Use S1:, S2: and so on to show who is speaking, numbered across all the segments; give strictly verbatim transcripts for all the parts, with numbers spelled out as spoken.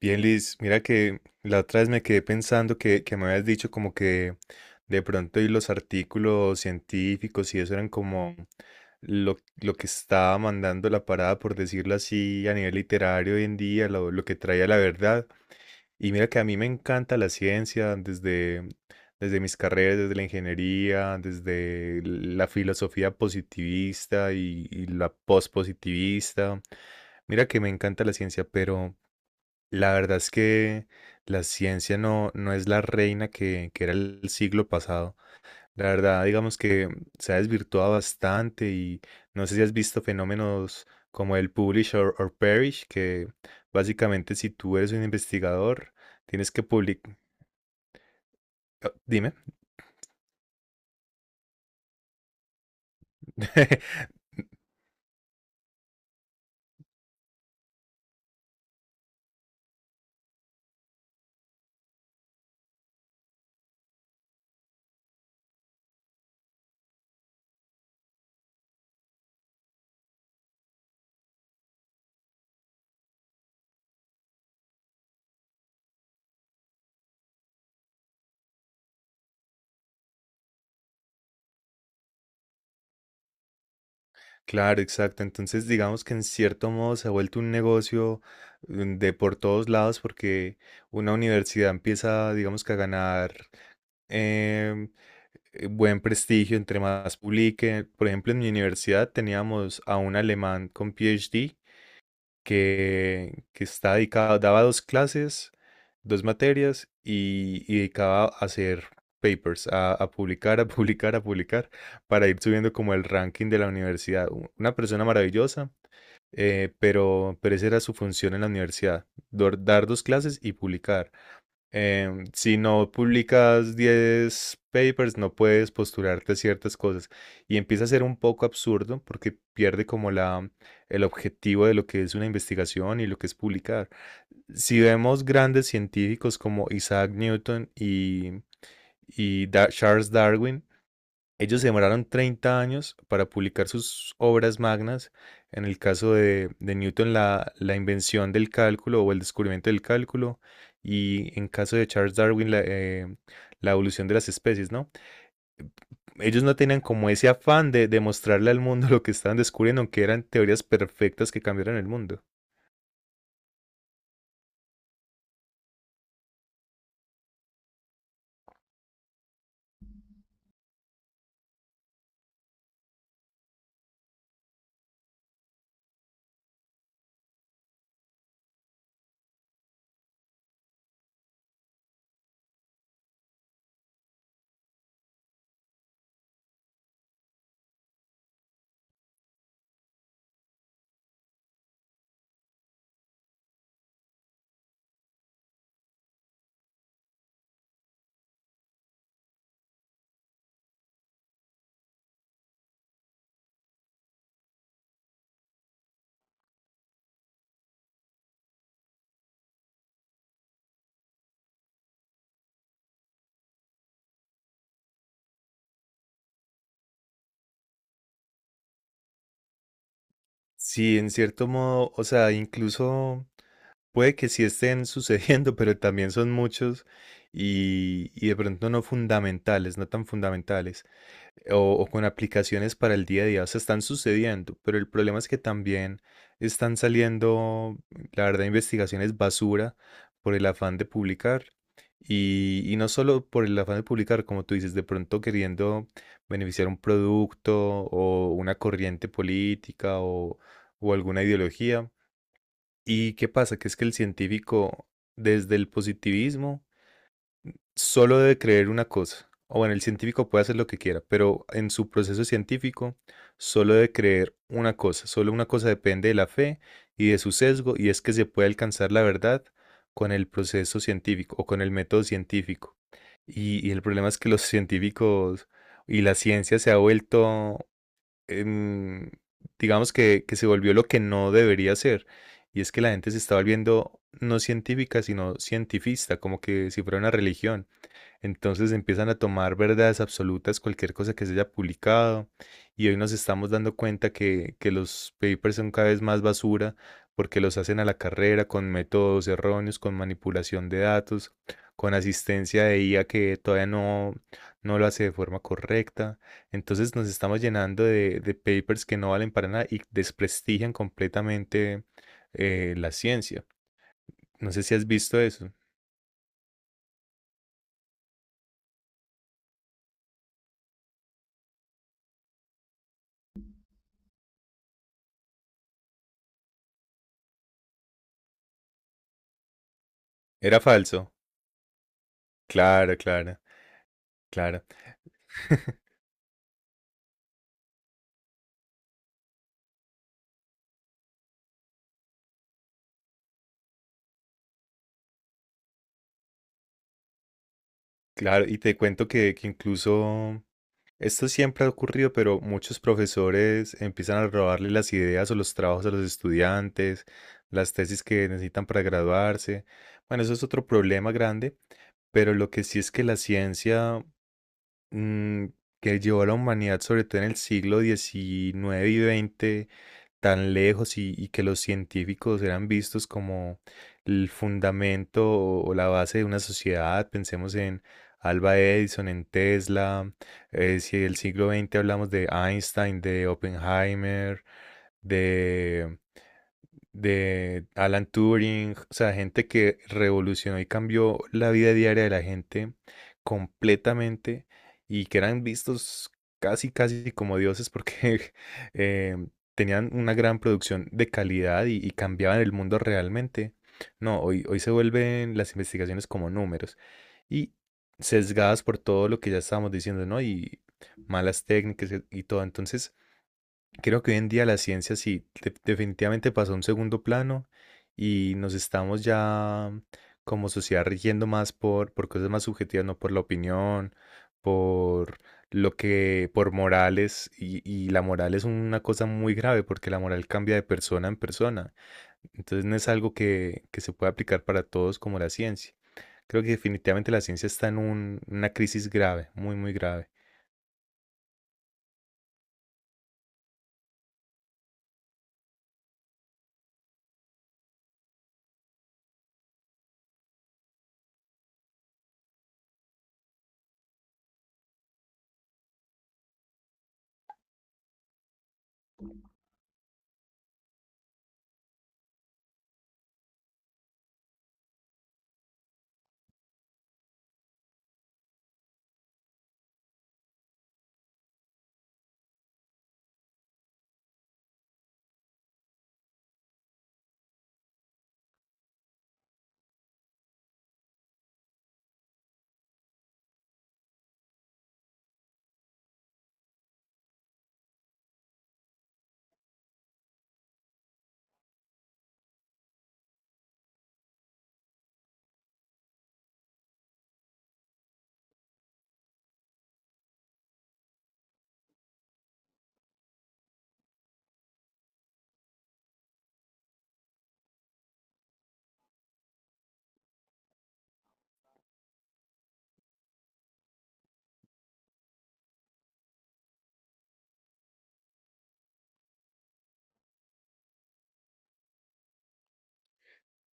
S1: Bien, Liz, mira que la otra vez me quedé pensando que, que me habías dicho como que de pronto y los artículos científicos y eso eran como lo, lo que estaba mandando la parada, por decirlo así, a nivel literario hoy en día, lo, lo que traía la verdad. Y mira que a mí me encanta la ciencia desde, desde mis carreras, desde la ingeniería, desde la filosofía positivista y, y la pospositivista. Mira que me encanta la ciencia, pero. La verdad es que la ciencia no, no es la reina que, que era el siglo pasado. La verdad, digamos que se ha desvirtuado bastante y no sé si has visto fenómenos como el publish or, or perish, que básicamente si tú eres un investigador, tienes que publicar. Dime. Claro, exacto. Entonces, digamos que en cierto modo se ha vuelto un negocio mm, de por todos lados porque una universidad empieza, digamos que a ganar em, eh, buen prestigio entre más publique. Por ejemplo, en mi universidad teníamos a un alemán con PhD que, que está dedicado, daba dos clases, dos materias y, y dedicaba a hacer papers, a, a publicar, a publicar, a publicar, para ir subiendo como el ranking de la universidad. U- Una persona maravillosa, eh, pero, pero esa era su función en la universidad, dor- dar dos clases y publicar. Em, si no publicas diez papers, no puedes postularte a ciertas cosas. Y empieza a ser un poco absurdo porque pierde como la, el objetivo de lo que es una investigación y lo que es publicar. Si vemos grandes científicos como Isaac Newton y, y Da- Charles Darwin, ellos se demoraron treinta años para publicar sus obras magnas. En el caso de, de Newton, la, la invención del cálculo o el descubrimiento del cálculo. Y en caso de Charles Darwin, la, eh, la evolución de las especies, ¿no? Ellos no tenían como ese afán de demostrarle al mundo lo que estaban descubriendo, aunque eran teorías perfectas que cambiaron el mundo. Sí, en cierto modo, o sea, incluso Puede que sí estén sucediendo, pero también son muchos y, y de pronto no fundamentales, no tan fundamentales, o, o con aplicaciones para el día a día. O sea, están sucediendo, pero el problema es que también están saliendo, la verdad, investigaciones basura por el afán de publicar. Y, y no solo por el afán de publicar, como tú dices, de pronto queriendo beneficiar un producto o una corriente política o, o alguna ideología. ¿Y qué pasa? Que es que el científico, desde el positivismo, solo debe creer una cosa. O bueno, el científico puede hacer lo que quiera, pero en su proceso científico solo debe creer una cosa. Solo una cosa depende de la fe y de su sesgo, y es que se puede alcanzar la verdad con el proceso científico o con el método científico. Y, y el problema es que los científicos y la ciencia se ha vuelto em, digamos que, que se volvió lo que no debería ser. Y es que la gente se está volviendo no científica, sino cientifista, como que si fuera una religión. Entonces empiezan a tomar verdades absolutas cualquier cosa que se haya publicado y hoy nos estamos dando cuenta que, que los papers son cada vez más basura porque los hacen a la carrera con métodos erróneos, con manipulación de datos, con asistencia de I A que todavía no, no lo hace de forma correcta. Entonces nos estamos llenando de, de papers que no valen para nada y desprestigian completamente eh, la ciencia. No sé si has visto eso. Era falso. Claro, claro, claro. Claro, y te cuento que, que incluso esto siempre ha ocurrido, pero muchos profesores empiezan a robarle las ideas o los trabajos a los estudiantes, las tesis que necesitan para graduarse. Bueno, eso es otro problema grande, pero lo que sí es que la ciencia mm, que llevó a la humanidad, sobre todo en el siglo diecinueve y vigésimo, tan lejos y, y que los científicos eran vistos como el fundamento o, o la base de una sociedad. Pensemos en Alba Edison, en Tesla. eh, si del siglo veinte hablamos de Einstein, de Oppenheimer, de Alan Turing, o sea, gente que revolucionó y cambió la vida diaria de la gente completamente y que eran vistos casi, casi como dioses porque eh, tenían una gran producción de calidad y, y cambiaban el mundo realmente. No, hoy, hoy se vuelven las investigaciones como números y sesgadas por todo lo que ya estábamos diciendo, ¿no? Y malas técnicas y y todo. Entonces, Creo que hoy en día la ciencia sí, de- definitivamente pasó a un segundo plano y nos estamos ya como sociedad rigiendo más por, por cosas más subjetivas, no por la opinión, por lo que, por morales, y, y la moral es una cosa muy grave porque la moral cambia de persona en persona. Entonces no es algo que, que se pueda aplicar para todos como la ciencia. Creo que definitivamente la ciencia está en un- una crisis grave, muy, muy grave.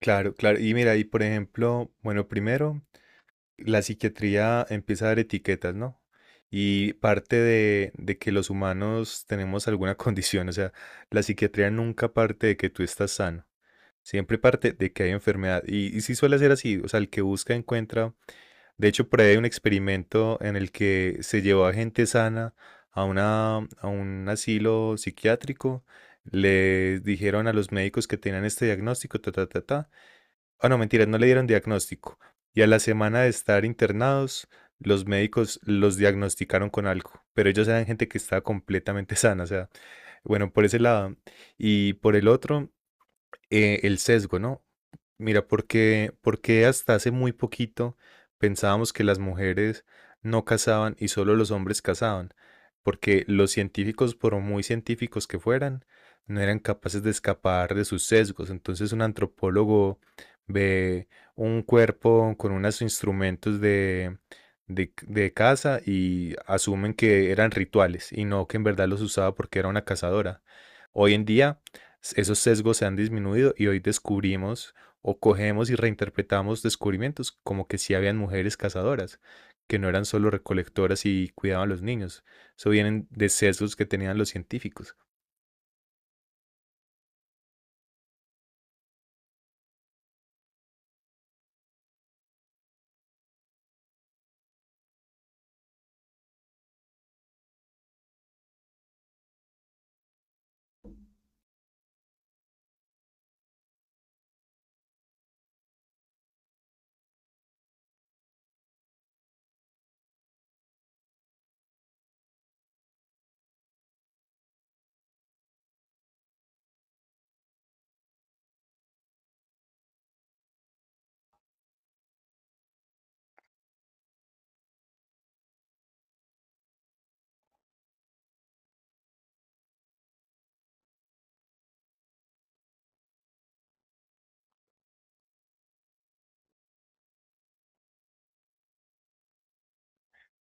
S1: Claro, claro. Y mira, y por ejemplo, bueno, primero la psiquiatría empieza a dar etiquetas, ¿no? Y parte de, de que los humanos tenemos alguna condición, o sea, la psiquiatría nunca parte de que tú estás sano, siempre parte de que hay enfermedad. Y, y sí suele ser así, o sea, el que busca encuentra. De hecho, por ahí hay un experimento en el que se llevó a gente sana a una, a un asilo psiquiátrico, les dijeron a los médicos que tenían este diagnóstico, ta, ta, ta, ta. Ah, no, mentira, no le dieron diagnóstico. Y a la semana de estar internados, los médicos los diagnosticaron con algo, pero ellos eran gente que estaba completamente sana, o sea, bueno, por ese lado. Y por el otro, eh, el sesgo, ¿no? Mira, porque, porque hasta hace muy poquito pensábamos que las mujeres no cazaban y solo los hombres cazaban, porque los científicos, por muy científicos que fueran, no eran capaces de escapar de sus sesgos. Entonces un antropólogo ve un cuerpo con unos instrumentos de, de, de caza y asumen que eran rituales y no que en verdad los usaba porque era una cazadora. Hoy en día esos sesgos se han disminuido y hoy descubrimos o cogemos y reinterpretamos descubrimientos como que sí habían mujeres cazadoras, que no eran solo recolectoras y cuidaban a los niños. Eso vienen de sesgos que tenían los científicos.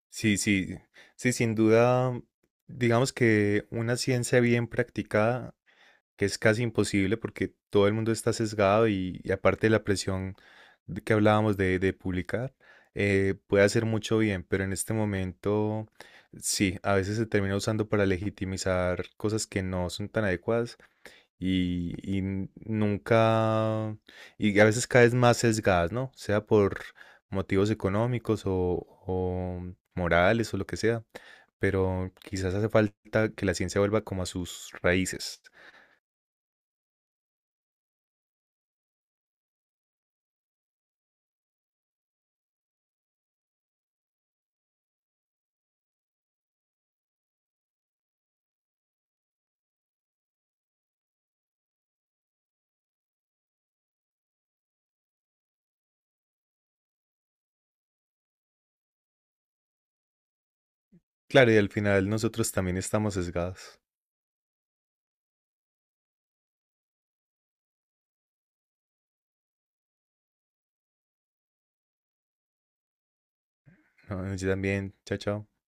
S1: Sí, sí, sí, sin duda, digamos que una ciencia bien practicada que es casi imposible porque todo el mundo está sesgado y, y aparte de la presión de que hablábamos de, de publicar, eh, puede hacer mucho bien, pero en este momento sí, a veces se termina usando para legitimizar cosas que no son tan adecuadas y, y n- nunca, y a veces cada vez más sesgadas, ¿no? Sea por motivos económicos o, o morales o lo que sea, pero quizás hace falta que la ciencia vuelva como a sus raíces. Claro, y al final nosotros también estamos sesgados. ¿No? Yo también, chao, chao.